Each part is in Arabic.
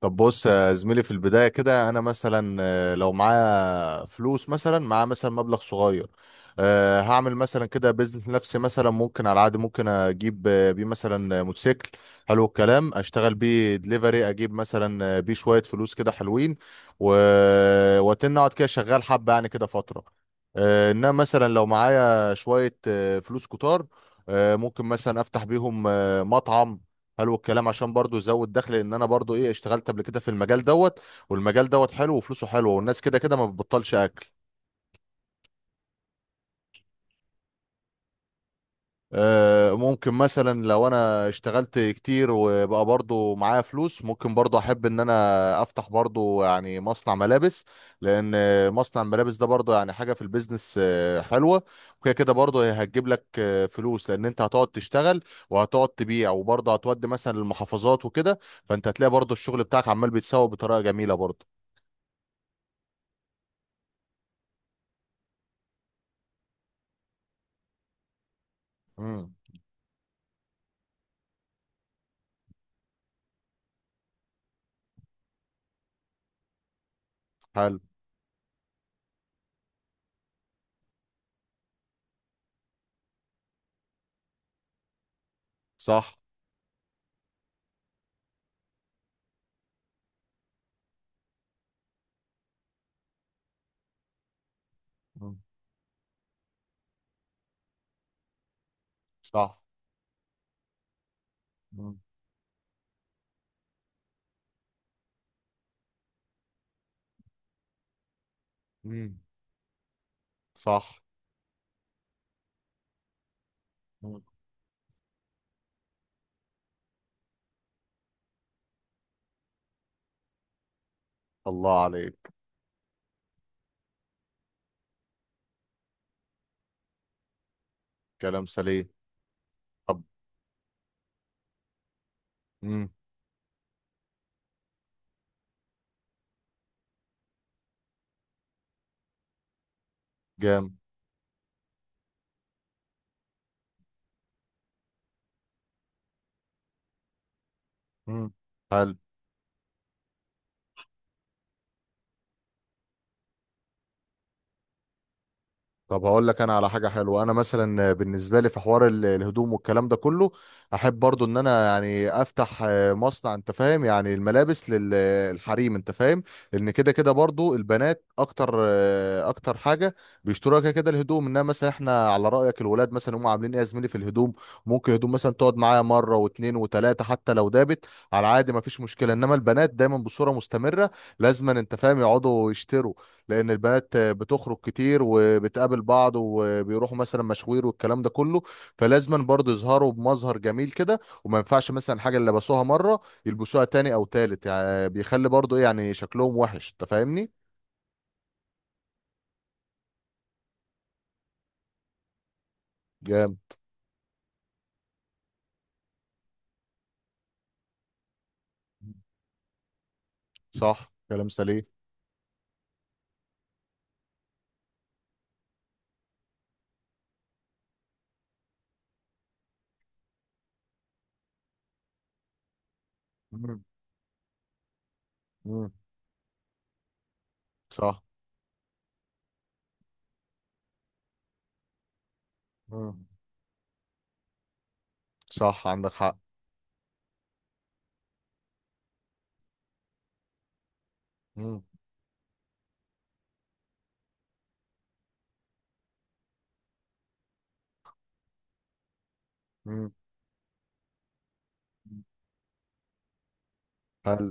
طب بص يا زميلي، في البداية كده أنا مثلا لو معايا فلوس مثلا معايا مثلا مبلغ صغير. هعمل مثلا كده بيزنس لنفسي، مثلا ممكن على العادي ممكن أجيب بيه مثلا موتوسيكل. حلو الكلام، أشتغل بيه دليفري، أجيب مثلا بيه شوية فلوس كده حلوين و... أقعد كده شغال حبة يعني كده فترة. إنما مثلا لو معايا شوية فلوس كتار، ممكن مثلا أفتح بيهم مطعم. حلو الكلام، عشان برضو يزود دخل، لان انا برضو ايه اشتغلت قبل كده في المجال دوت. والمجال دوت حلو وفلوسه حلوه، والناس كده كده ما بتبطلش اكل. ممكن مثلا لو انا اشتغلت كتير وبقى برضو معايا فلوس، ممكن برضو احب ان انا افتح برضو يعني مصنع ملابس. لان مصنع الملابس ده برضو يعني حاجه في البيزنس حلوه. وكده كده برضو هي هتجيب لك فلوس، لان انت هتقعد تشتغل وهتقعد تبيع، وبرضو هتودي مثلا للمحافظات وكده. فانت هتلاقي برضو الشغل بتاعك عمال بيتسوق بطريقه جميله برضو. امم. حلو. صح. مم. صح. مم. مم. صح. مم. الله عليك. كلام سليم. طب. امم. جام. امم. حلو. طب هقول لك انا على حاجه حلوه. انا مثلا بالنسبه لي في حوار الهدوم والكلام ده كله، احب برضو ان انا يعني افتح مصنع، انت فاهم يعني، الملابس للحريم، انت فاهم. لان كده كده برضو البنات اكتر اكتر حاجه بيشتروها كده كده الهدوم. انما مثلا احنا على رايك، الولاد مثلا هم عاملين ايه يا زميلي في الهدوم؟ ممكن الهدوم مثلا تقعد معايا مره واتنين وتلاته حتى لو دابت، على عادي مفيش مشكله. انما البنات دايما بصوره مستمره لازما انت فاهم يقعدوا يشتروا، لان البنات بتخرج كتير وبتقابل بعض وبيروحوا مثلا مشاوير والكلام ده كله. فلازما برضه يظهروا بمظهر جميل كده، وما ينفعش مثلا حاجه اللي لبسوها مره يلبسوها تاني او تالت، يعني بيخلي برضه ايه يعني شكلهم وحش، انت فاهمني. جامد. صح كلام سليم. مم. مم. صح. مم. صح عندك حق. مم. مم. حلو.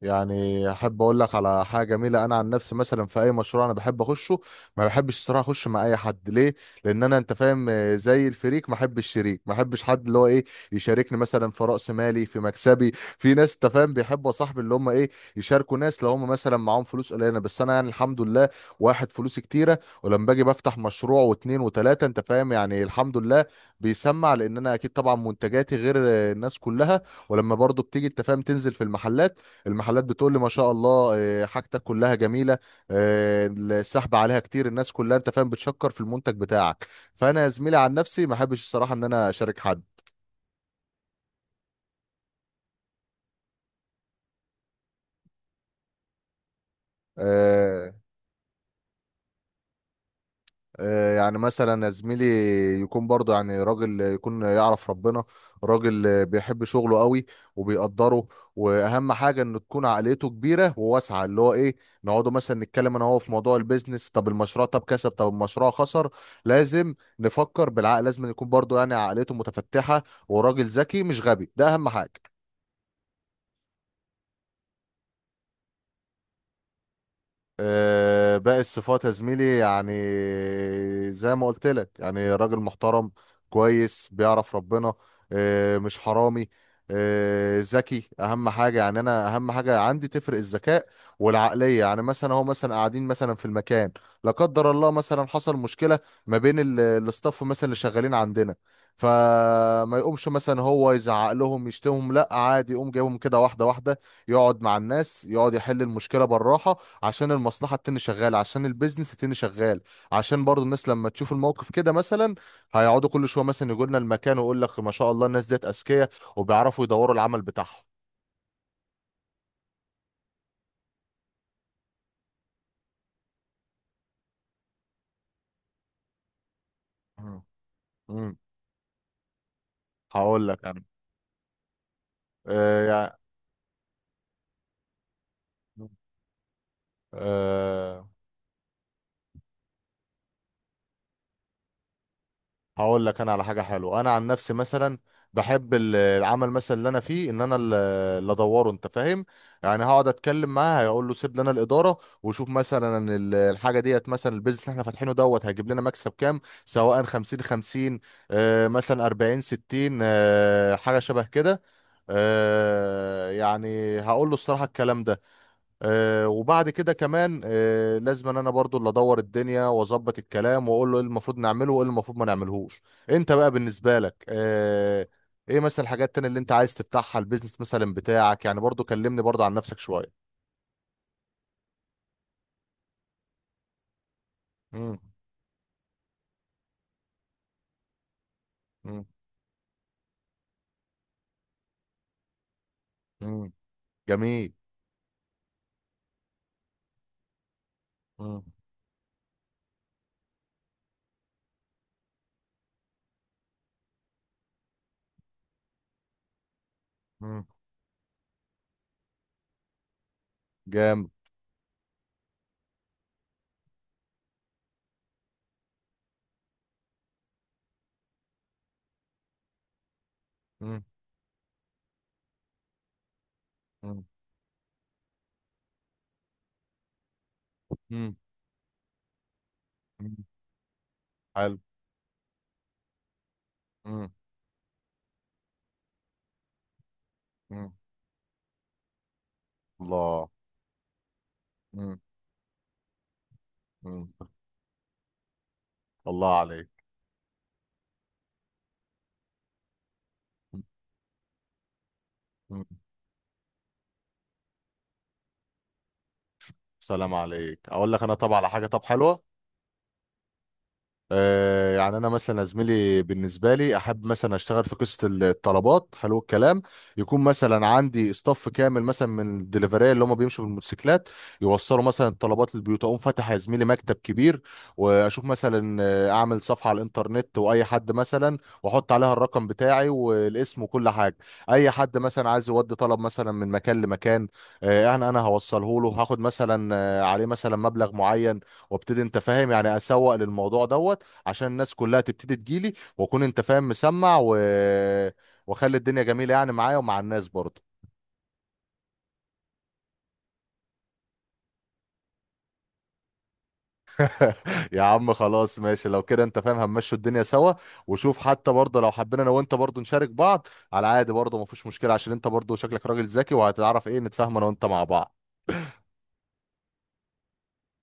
يعني احب اقول لك على حاجه جميله. انا عن نفسي مثلا في اي مشروع انا بحب اخشه. ما بحبش الصراحه اخش مع اي حد. ليه؟ لان انا انت فاهم زي الفريق، ما احبش شريك، ما احبش حد اللي هو ايه يشاركني مثلا في راس مالي في مكسبي. في ناس انت فاهم بيحبوا يا صاحبي اللي هم ايه يشاركوا ناس، لو هم مثلا معاهم فلوس قليله. بس انا يعني الحمد لله واحد فلوسي كتيره، ولما باجي بفتح مشروع واتنين وتلاته انت فاهم يعني الحمد لله بيسمع، لان انا اكيد طبعا منتجاتي غير الناس كلها. ولما برضو بتيجي انت فاهم تنزل في المحلات، المحلات بتقول لي ما شاء الله حاجتك كلها جميله، السحب عليها كتير، الناس كلها انت فاهم بتشكر في المنتج بتاعك. فانا يا زميلي عن نفسي ما احبش الصراحه ان انا اشارك حد. آه، يعني مثلا يا زميلي، يكون برضه يعني راجل، يكون يعرف ربنا، راجل بيحب شغله قوي وبيقدره. واهم حاجه انه تكون عقليته كبيره وواسعه، اللي هو ايه نقعدوا مثلا نتكلم انا هو في موضوع البيزنس. طب المشروع، طب كسب، طب المشروع خسر، لازم نفكر بالعقل. لازم يكون برضه يعني عقليته متفتحه، وراجل ذكي مش غبي، ده اهم حاجه. باقي الصفات يا زميلي يعني زي ما قلت لك، يعني راجل محترم كويس بيعرف ربنا، مش حرامي، ذكي اهم حاجه. يعني انا اهم حاجه عندي تفرق الذكاء والعقليه. يعني مثلا هو مثلا قاعدين مثلا في المكان، لا قدر الله مثلا حصل مشكله ما بين الاستاف مثلا اللي شغالين عندنا، فما يقومش مثلا هو يزعق لهم يشتمهم، لا عادي يقوم جايبهم كده واحده واحده، يقعد مع الناس يقعد يحل المشكله بالراحه، عشان المصلحة التاني شغال، عشان البيزنس التاني شغال، عشان برضو الناس لما تشوف الموقف كده مثلا هيقعدوا كل شوية مثلا يقولنا المكان، ويقول لك ما شاء الله الناس ديت أذكياء وبيعرفوا يدوروا العمل بتاعهم. مم. امم. هقول لك انا. يعني. مم. هقول لك انا على حاجه حلوه. انا عن نفسي مثلا بحب العمل مثلا اللي انا فيه، ان انا اللي ادوره انت فاهم. يعني هقعد اتكلم معاه هيقول له سيب لنا الاداره، وشوف مثلا الحاجه ديت، مثلا البيزنس اللي احنا فاتحينه دوت هيجيب لنا مكسب كام، سواء 50 50 مثلا 40 60، حاجه شبه كده. يعني هقول له الصراحه الكلام ده. وبعد كده كمان لازم ان انا برضو اللي ادور الدنيا واظبط الكلام واقول له ايه المفروض نعمله وايه اللي المفروض ما نعملهوش. انت بقى بالنسبه لك ايه مثلا الحاجات التانية اللي انت عايز تفتحها، البيزنس مثلا بتاعك يعني، برضو كلمني برضو عن نفسك شويه. مم. مم. مم. جميل. مم. مم. جامد. مم. مم. مم. مم. حلو. مم. مم. الله. مم. مم. الله عليك. مم. مم. سلام عليك. اقول لك انا طبعا على حاجه طب حلوه. يعني انا مثلا يا زميلي بالنسبه لي احب مثلا اشتغل في قصه الطلبات. حلو الكلام، يكون مثلا عندي استاف كامل مثلا من الدليفريه اللي هم بيمشوا بالموتوسيكلات، يوصلوا مثلا الطلبات للبيوت. اقوم فاتح يا زميلي مكتب كبير، واشوف مثلا اعمل صفحه على الانترنت، واي حد مثلا، واحط عليها الرقم بتاعي والاسم وكل حاجه. اي حد مثلا عايز يودي طلب مثلا من مكان لمكان، انا هوصله له، هاخد مثلا عليه مثلا مبلغ معين، وابتدي انت فاهم يعني اسوق للموضوع دوت، عشان الناس كلها تبتدي تجيلي، واكون انت فاهم مسمع واخلي الدنيا جميله يعني، معايا ومع الناس برضه. يا عم خلاص ماشي، لو كده انت فاهم هنمشوا الدنيا سوا. وشوف حتى برضه لو حبينا انا وانت برضه نشارك بعض، على عادي برضه مفيش مشكله، عشان انت برضه شكلك راجل ذكي وهتعرف ايه نتفاهم انا وانت مع بعض.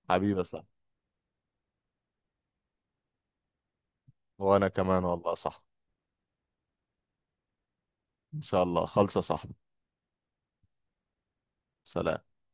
حبيبي صح. وانا كمان والله صح. ان شاء الله خالصه صح. سلام.